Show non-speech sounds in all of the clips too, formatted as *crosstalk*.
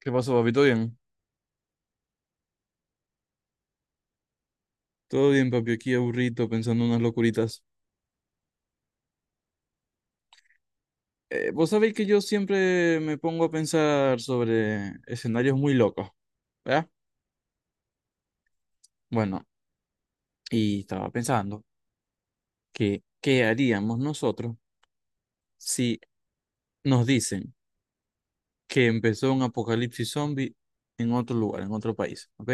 ¿Qué pasó, papi? ¿Todo bien? Todo bien, papi, aquí aburrido pensando unas locuritas. Vos sabéis que yo siempre me pongo a pensar sobre escenarios muy locos, ¿verdad? Bueno, y estaba pensando que ¿qué haríamos nosotros si nos dicen que empezó un apocalipsis zombie en otro lugar, en otro país, ¿ok?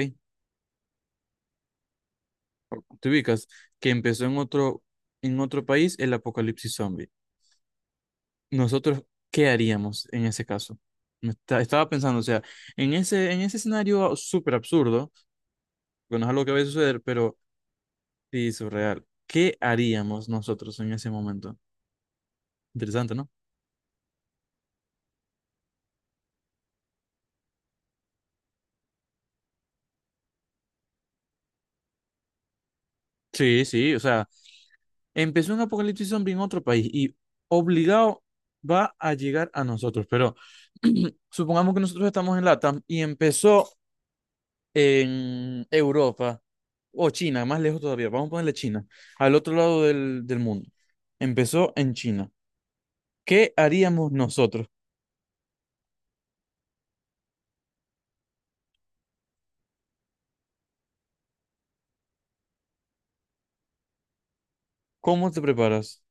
Te ubicas que empezó en otro país el apocalipsis zombie. Nosotros, ¿qué haríamos en ese caso? Estaba pensando, o sea, en ese escenario súper absurdo, porque no es algo que vaya a suceder, pero sí, surreal, ¿qué haríamos nosotros en ese momento? Interesante, ¿no? Sí, sí, o sea, empezó un apocalipsis zombie en otro país y obligado va a llegar a nosotros, pero *clears throat* supongamos que nosotros estamos en LATAM y empezó en Europa o China, más lejos todavía, vamos a ponerle China, al otro lado del mundo. Empezó en China. ¿Qué haríamos nosotros? ¿Cómo te preparas?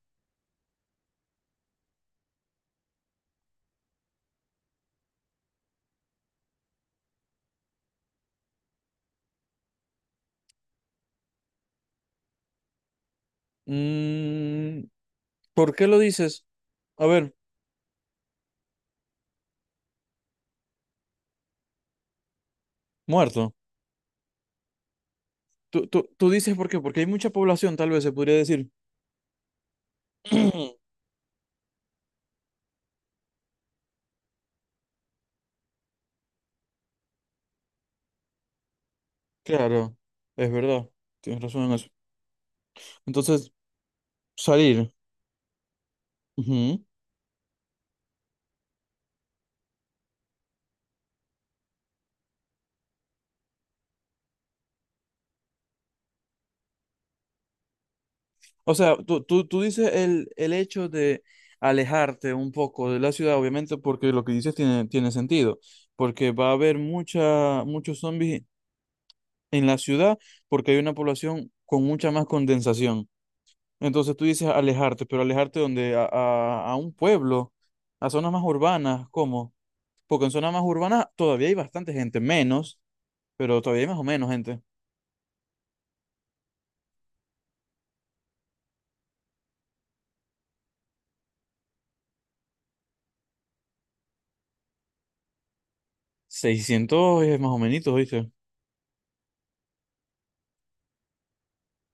Mm, ¿por qué lo dices? A ver, muerto. Tú dices por qué, porque hay mucha población, tal vez se podría decir. *clears throat* Claro, es verdad, tienes razón en eso. Entonces, salir. O sea, tú dices el hecho de alejarte un poco de la ciudad, obviamente, porque lo que dices tiene sentido, porque va a haber mucha, muchos zombies en la ciudad, porque hay una población con mucha más condensación. Entonces tú dices alejarte, pero alejarte donde a un pueblo, a zonas más urbanas, ¿cómo? Porque en zonas más urbanas todavía hay bastante gente, menos, pero todavía hay más o menos gente. 600 es más o menos, ¿viste?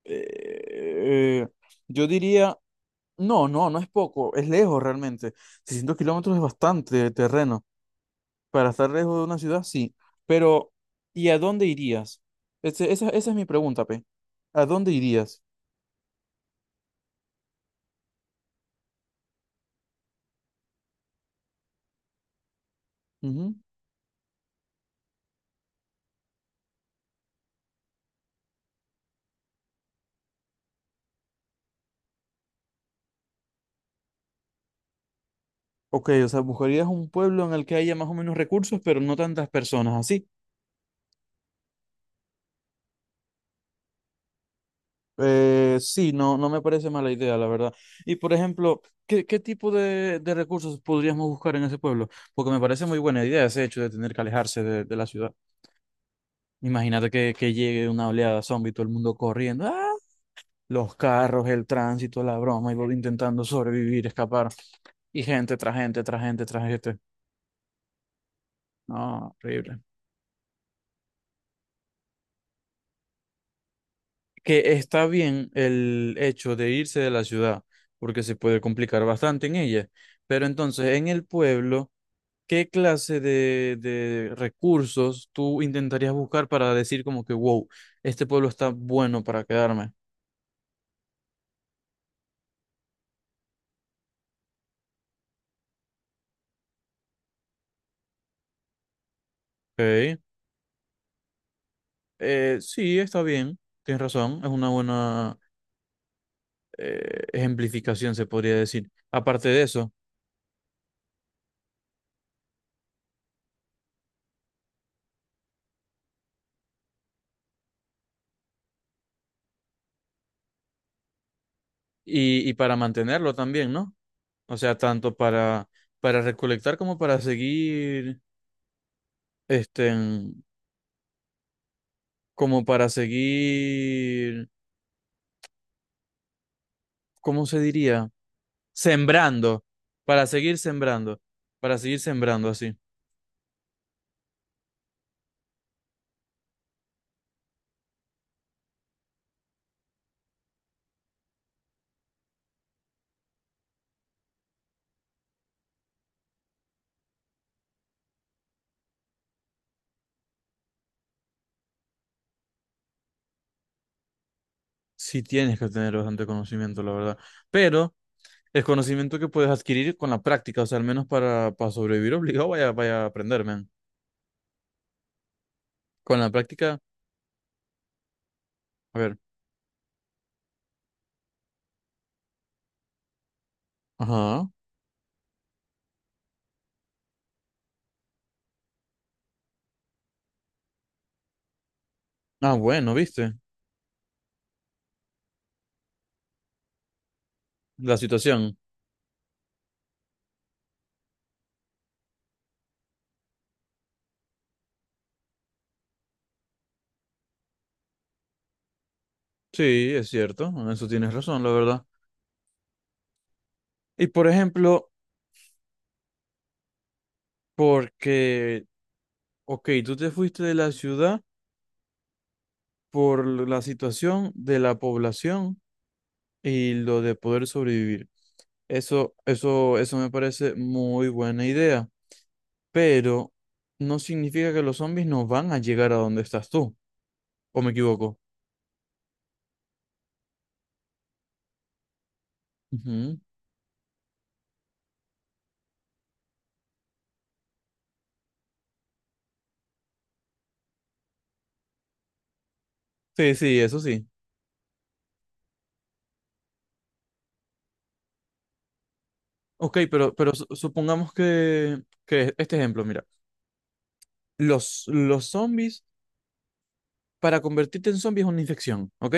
Eh, eh, yo diría... No, no, no es poco, es lejos realmente. 600 kilómetros es bastante terreno. Para estar lejos de una ciudad, sí. Pero, ¿y a dónde irías? Esa, esa es mi pregunta, Pe. ¿A dónde irías? Ujú. Ok, o sea, buscarías un pueblo en el que haya más o menos recursos, pero no tantas personas, ¿así? Sí, no, no me parece mala idea, la verdad. Y, por ejemplo, ¿qué, qué tipo de recursos podríamos buscar en ese pueblo? Porque me parece muy buena idea ese hecho de tener que alejarse de la ciudad. Imagínate que llegue una oleada zombie, todo el mundo corriendo, ¡ah! Los carros, el tránsito, la broma, y vos intentando sobrevivir, escapar. Y gente tras gente, tras gente, tras gente. No, horrible. Que está bien el hecho de irse de la ciudad, porque se puede complicar bastante en ella. Pero entonces, en el pueblo, ¿qué clase de recursos tú intentarías buscar para decir como que, wow, este pueblo está bueno para quedarme? Ok. Sí, está bien, tienes razón, es una buena ejemplificación, se podría decir. Aparte de eso, y para mantenerlo también, ¿no? O sea, tanto para recolectar como para seguir, este, en- como para seguir, ¿cómo se diría? Sembrando, para seguir sembrando, para seguir sembrando así. Sí tienes que tener bastante conocimiento, la verdad. Pero el conocimiento que puedes adquirir con la práctica, o sea, al menos para sobrevivir obligado, vaya, vaya a aprender, man. Con la práctica, a ver, ajá. Ah, bueno, viste, la situación. Sí, es cierto, en eso tienes razón, la verdad. Y por ejemplo, porque, ok, tú te fuiste de la ciudad por la situación de la población y lo de poder sobrevivir. Eso me parece muy buena idea, pero no significa que los zombies no van a llegar a donde estás tú, ¿o me equivoco? Ujú. Sí, sí, eso sí. Ok, pero, supongamos que este ejemplo, mira, los zombies, para convertirte en zombie es una infección, ¿ok?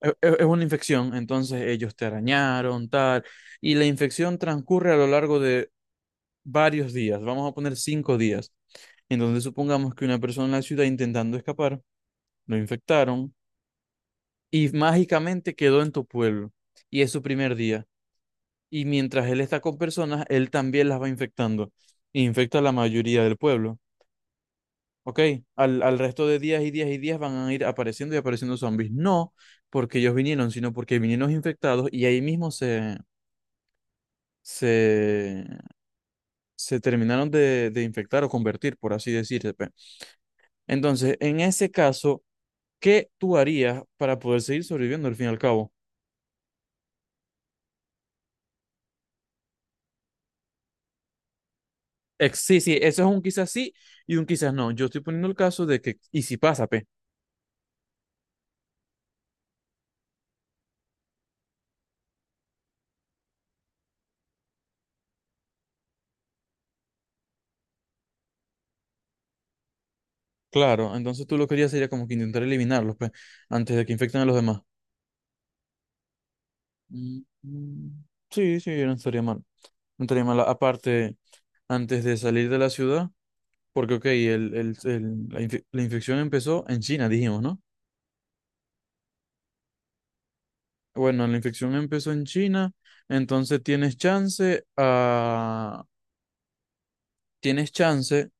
Es, es una infección, entonces ellos te arañaron, tal, y la infección transcurre a lo largo de varios días, vamos a poner cinco días. Entonces supongamos que una persona en la ciudad intentando escapar, lo infectaron y mágicamente quedó en tu pueblo. Y es su primer día. Y mientras él está con personas, él también las va infectando. E infecta a la mayoría del pueblo. ¿Ok? Al resto de días y días y días van a ir apareciendo y apareciendo zombies. No porque ellos vinieron, sino porque vinieron infectados y ahí mismo se, se terminaron de infectar o convertir, por así decirse. Pe. Entonces, en ese caso, ¿qué tú harías para poder seguir sobreviviendo al fin y al cabo? Sí, sí, eso es un quizás sí y un quizás no. Yo estoy poniendo el caso de que, y si pasa, pe. Claro, entonces tú lo que harías sería como que intentar eliminarlos, pe, antes de que infecten a los demás. Mm, mm, sí, sí, no estaría mal. No estaría mal. Aparte, antes de salir de la ciudad, porque, ok, la infección empezó en China, dijimos, ¿no? Bueno, la infección empezó en China, entonces tienes chance a... Tienes chance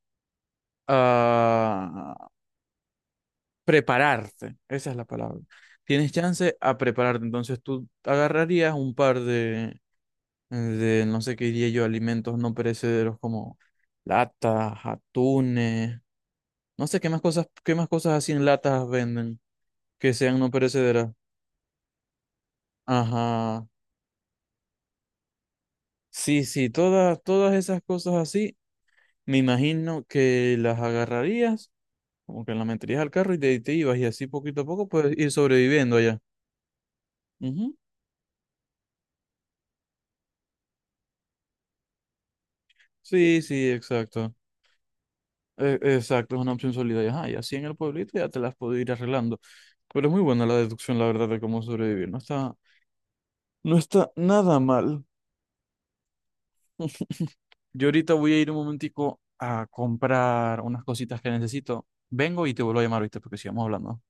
a prepararte. Esa es la palabra. Tienes chance a prepararte. Entonces tú agarrarías un par de no sé qué diría yo, alimentos no perecederos como latas, atunes, no sé qué más cosas así en latas venden que sean no perecederas. Ajá. Sí, sí, todas, todas esas cosas así, me imagino que las agarrarías, como que las meterías al carro y te ibas y así poquito a poco puedes ir sobreviviendo allá. Ujú. Sí, sí, exacto. Exacto, es una opción sólida. Y, ajá, y así en el pueblito ya te las puedo ir arreglando. Pero es muy buena la deducción, la verdad, de cómo sobrevivir. No está, no está nada mal. *laughs* Yo ahorita voy a ir un momentico a comprar unas cositas que necesito. Vengo y te vuelvo a llamar, ¿viste? Porque sigamos hablando.